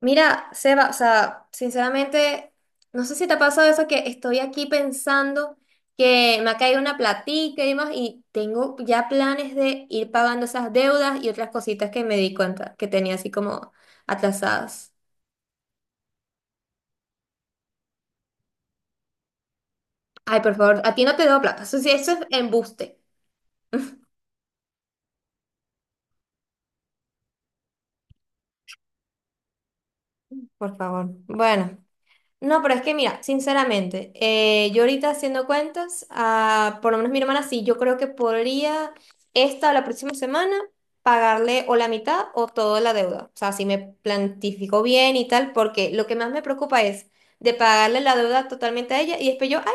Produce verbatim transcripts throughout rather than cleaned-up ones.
Mira, Seba, o sea, sinceramente, no sé si te ha pasado eso. Que estoy aquí pensando que me ha caído una platica y demás, y tengo ya planes de ir pagando esas deudas y otras cositas que me di cuenta que tenía así como atrasadas. Ay, por favor, a ti no te debo plata. Eso sí, eso es embuste. Por favor. Bueno. No, pero es que mira, sinceramente, eh, yo ahorita haciendo cuentas, ah, por lo menos mi hermana sí, yo creo que podría esta o la próxima semana pagarle o la mitad o toda la deuda. O sea, si me plantifico bien y tal, porque lo que más me preocupa es de pagarle la deuda totalmente a ella y después yo, ay,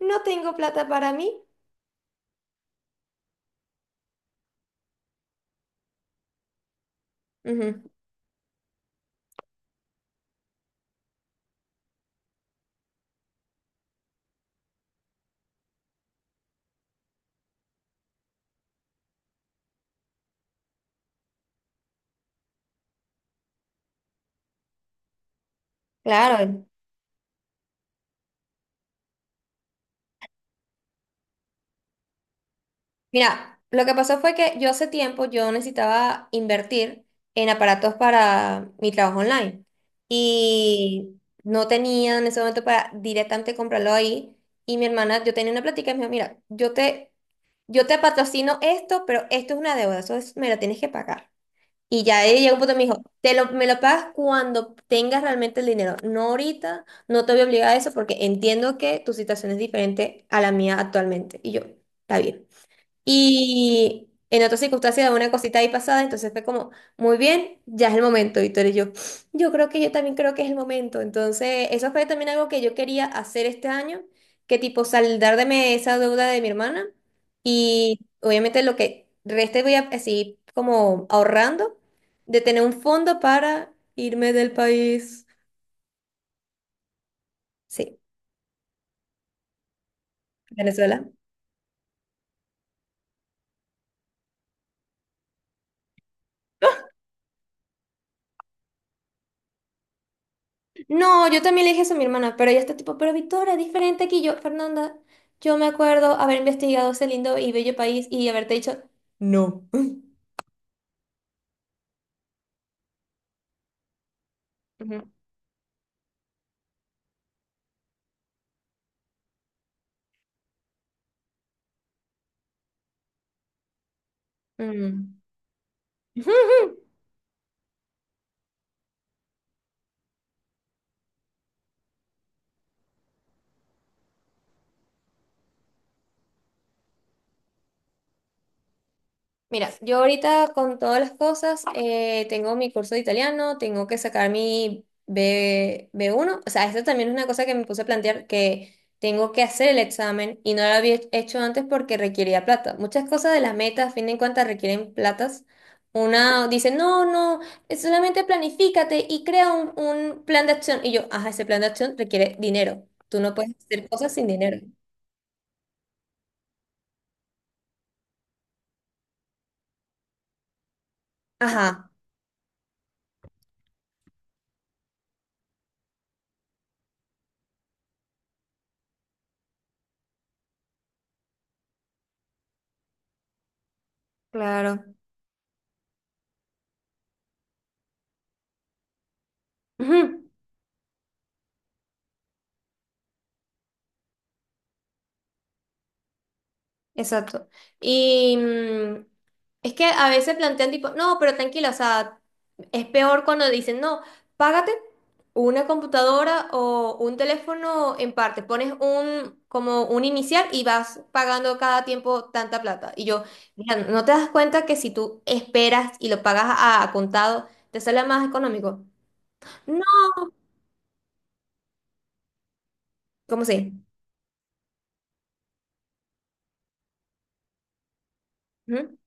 no tengo plata para mí. Ujú. Claro. Mira, lo que pasó fue que yo hace tiempo yo necesitaba invertir en aparatos para mi trabajo online y no tenía en ese momento para directamente comprarlo ahí. Y mi hermana, yo tenía una plática y me dijo, mira, yo te, yo te patrocino esto, pero esto es una deuda, eso es, me lo tienes que pagar. Y ya ella llegó un punto y me dijo, te lo, me lo pagas cuando tengas realmente el dinero, no ahorita, no te voy a obligar a eso porque entiendo que tu situación es diferente a la mía actualmente. Y yo, está bien. Y en otra circunstancia, una cosita ahí pasada, entonces fue como, muy bien, ya es el momento. Y tú eres yo, yo creo que yo también creo que es el momento. Entonces, eso fue también algo que yo quería hacer este año, que tipo saldarme esa deuda de mi hermana. Y obviamente lo que reste voy a así como ahorrando de tener un fondo para irme del país. Sí, Venezuela. No, yo también le dije eso a mi hermana, pero ella está tipo, pero Victoria, es diferente aquí. Yo, Fernanda, yo me acuerdo haber investigado ese lindo y bello país y haberte dicho, no. Ujú. Mm. Mira, yo ahorita con todas las cosas, eh, tengo mi curso de italiano, tengo que sacar mi B, B1. O sea, esto también es una cosa que me puse a plantear que tengo que hacer el examen y no lo había hecho antes porque requería plata. Muchas cosas de las metas, a fin de cuentas, requieren platas. Una dice, no, no, es solamente planifícate y crea un, un plan de acción. Y yo, ajá, ese plan de acción requiere dinero. Tú no puedes hacer cosas sin dinero. Ajá, claro. Ujú. Exacto. Y mm, es que a veces plantean tipo, no, pero tranquila, o sea, es peor cuando dicen, no, págate una computadora o un teléfono en parte, pones un, como un inicial y vas pagando cada tiempo tanta plata. Y yo, mira, ¿no te das cuenta que si tú esperas y lo pagas a, a contado, te sale más económico? No, ¿cómo sí? Ujú.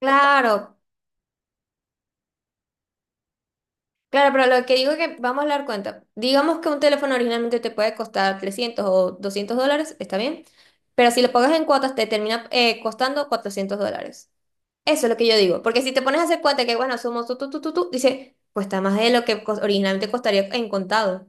Claro. Claro, pero lo que digo es que vamos a dar cuenta. Digamos que un teléfono originalmente te puede costar trescientos o doscientos dólares, está bien, pero si lo pagas en cuotas te termina eh, costando cuatrocientos dólares. Eso es lo que yo digo, porque si te pones a hacer cuenta que, bueno, somos tú, tú, tú, tú, tú, dice, cuesta más de lo que cos- originalmente costaría en contado.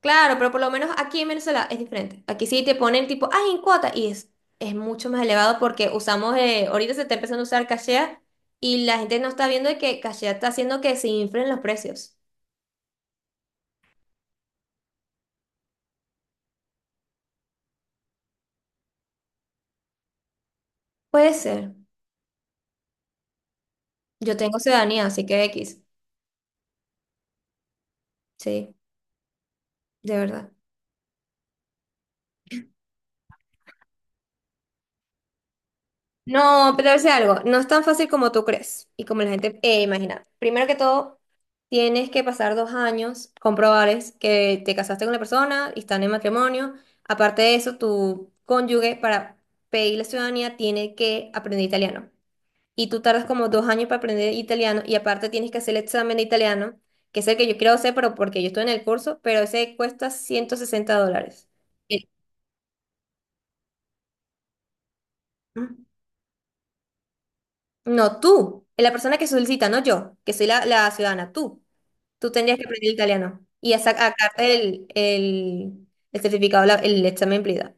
Claro, pero por lo menos aquí en Venezuela es diferente. Aquí sí te ponen tipo, ay, en cuota, y es, es mucho más elevado porque usamos, eh, ahorita se está empezando a usar cachea y la gente no está viendo de que cachea está haciendo que se inflen los precios. Puede ser. Yo tengo ciudadanía, así que X. Sí, de verdad. No, pero es algo, no es tan fácil como tú crees y como la gente eh, imagina. Primero que todo, tienes que pasar dos años, comprobarles que te casaste con la persona y están en matrimonio. Aparte de eso, tu cónyuge para pedir la ciudadanía tiene que aprender italiano. Y tú tardas como dos años para aprender italiano y aparte tienes que hacer el examen de italiano, que es el que yo quiero hacer, pero porque yo estoy en el curso, pero ese cuesta ciento sesenta dólares. No, tú, la persona que solicita, no yo, que soy la, la ciudadana, tú. Tú tendrías que aprender italiano y a sacar el, el, el certificado, la- el examen P L I D A.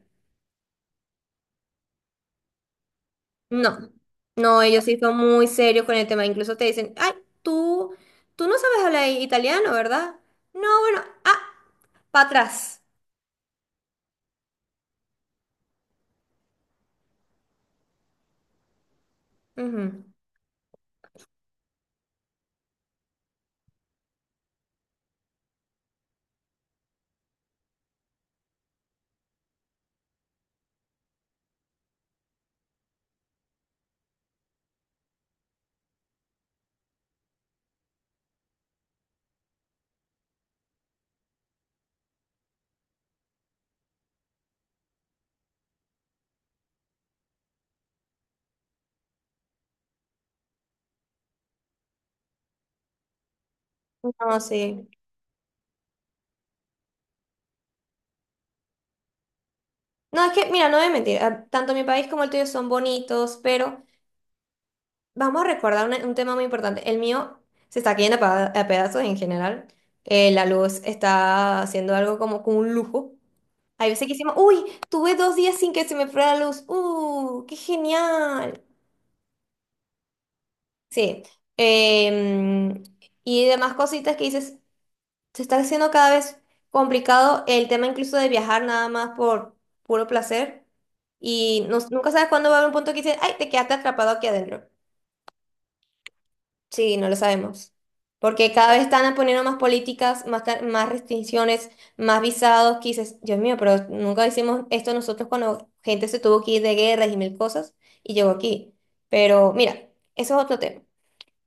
No, no, ellos sí son muy serios con el tema. Incluso te dicen, ay, tú, tú no sabes hablar i- italiano, ¿verdad? No, bueno, ah, para atrás. Ujú. No, sí. No, es que, mira, no voy a mentir. ah, Tanto mi país como el tuyo son bonitos, pero vamos a recordar una- un tema muy importante. El mío se está cayendo a pa- a pedazos en general. Eh, la luz está haciendo algo como con un lujo. Hay veces que decimos, uy, tuve dos días sin que se me fuera la luz. ¡Uh, qué genial! Sí. Em, y demás cositas que dices, se está haciendo cada vez complicado el tema incluso de viajar nada más por puro placer. Y no- nunca sabes cuándo va a haber un punto que dices, ay, te quedaste atrapado aquí adentro. Sí, no lo sabemos. Porque cada vez están poniendo más políticas, más, ca- más restricciones, más visados, que dices, Dios mío, pero nunca hicimos esto nosotros cuando gente se tuvo que ir de guerras y mil cosas y llegó aquí. Pero mira, eso es otro tema.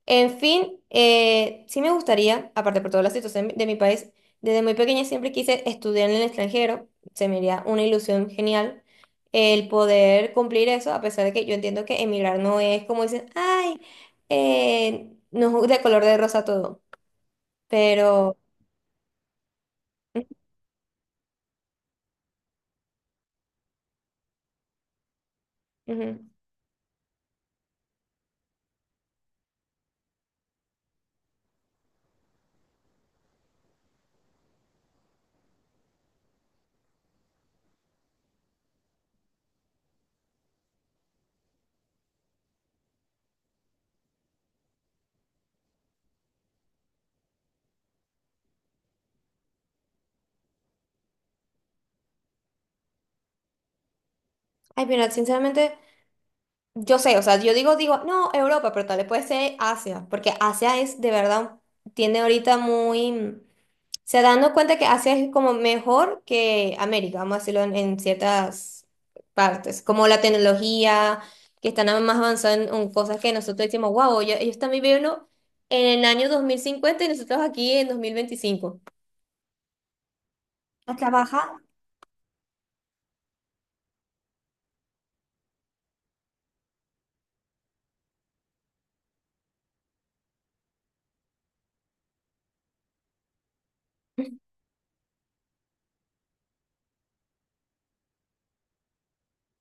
En fin, eh, sí me gustaría, aparte por toda la situación de mi país, desde muy pequeña siempre quise estudiar en el extranjero, se me haría una ilusión genial el poder cumplir eso, a pesar de que yo entiendo que emigrar no es como dicen, ay, eh, no es de color de rosa todo, pero... Ujú. Ay, mira, sinceramente, yo sé, o sea, yo digo, digo, no, Europa, pero tal vez puede ser Asia, porque Asia es de verdad, tiene ahorita muy, sea, dando cuenta que Asia es como mejor que América, vamos a decirlo en, en ciertas partes, como la tecnología, que están a- más avanzadas en, en cosas que nosotros decimos, wow, ellos, ellos están viviendo en el año dos mil cincuenta y nosotros aquí en dos mil veinticinco. A trabajar.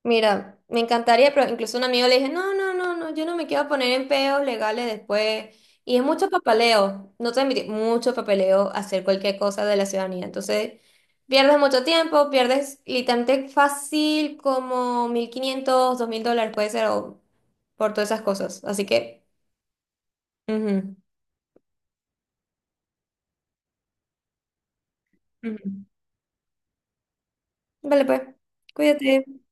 Mira, me encantaría, pero incluso un amigo le dije, no, no, no, no, yo no me quiero poner en peos legales después. Y es mucho papeleo, no te voy a mentir, mucho papeleo hacer cualquier cosa de la ciudadanía. Entonces, pierdes mucho tiempo, pierdes literalmente fácil como mil quinientos, dos mil dólares puede ser, o por todas esas cosas. Así que, ujú, ujú. Vale, pues, cuídate.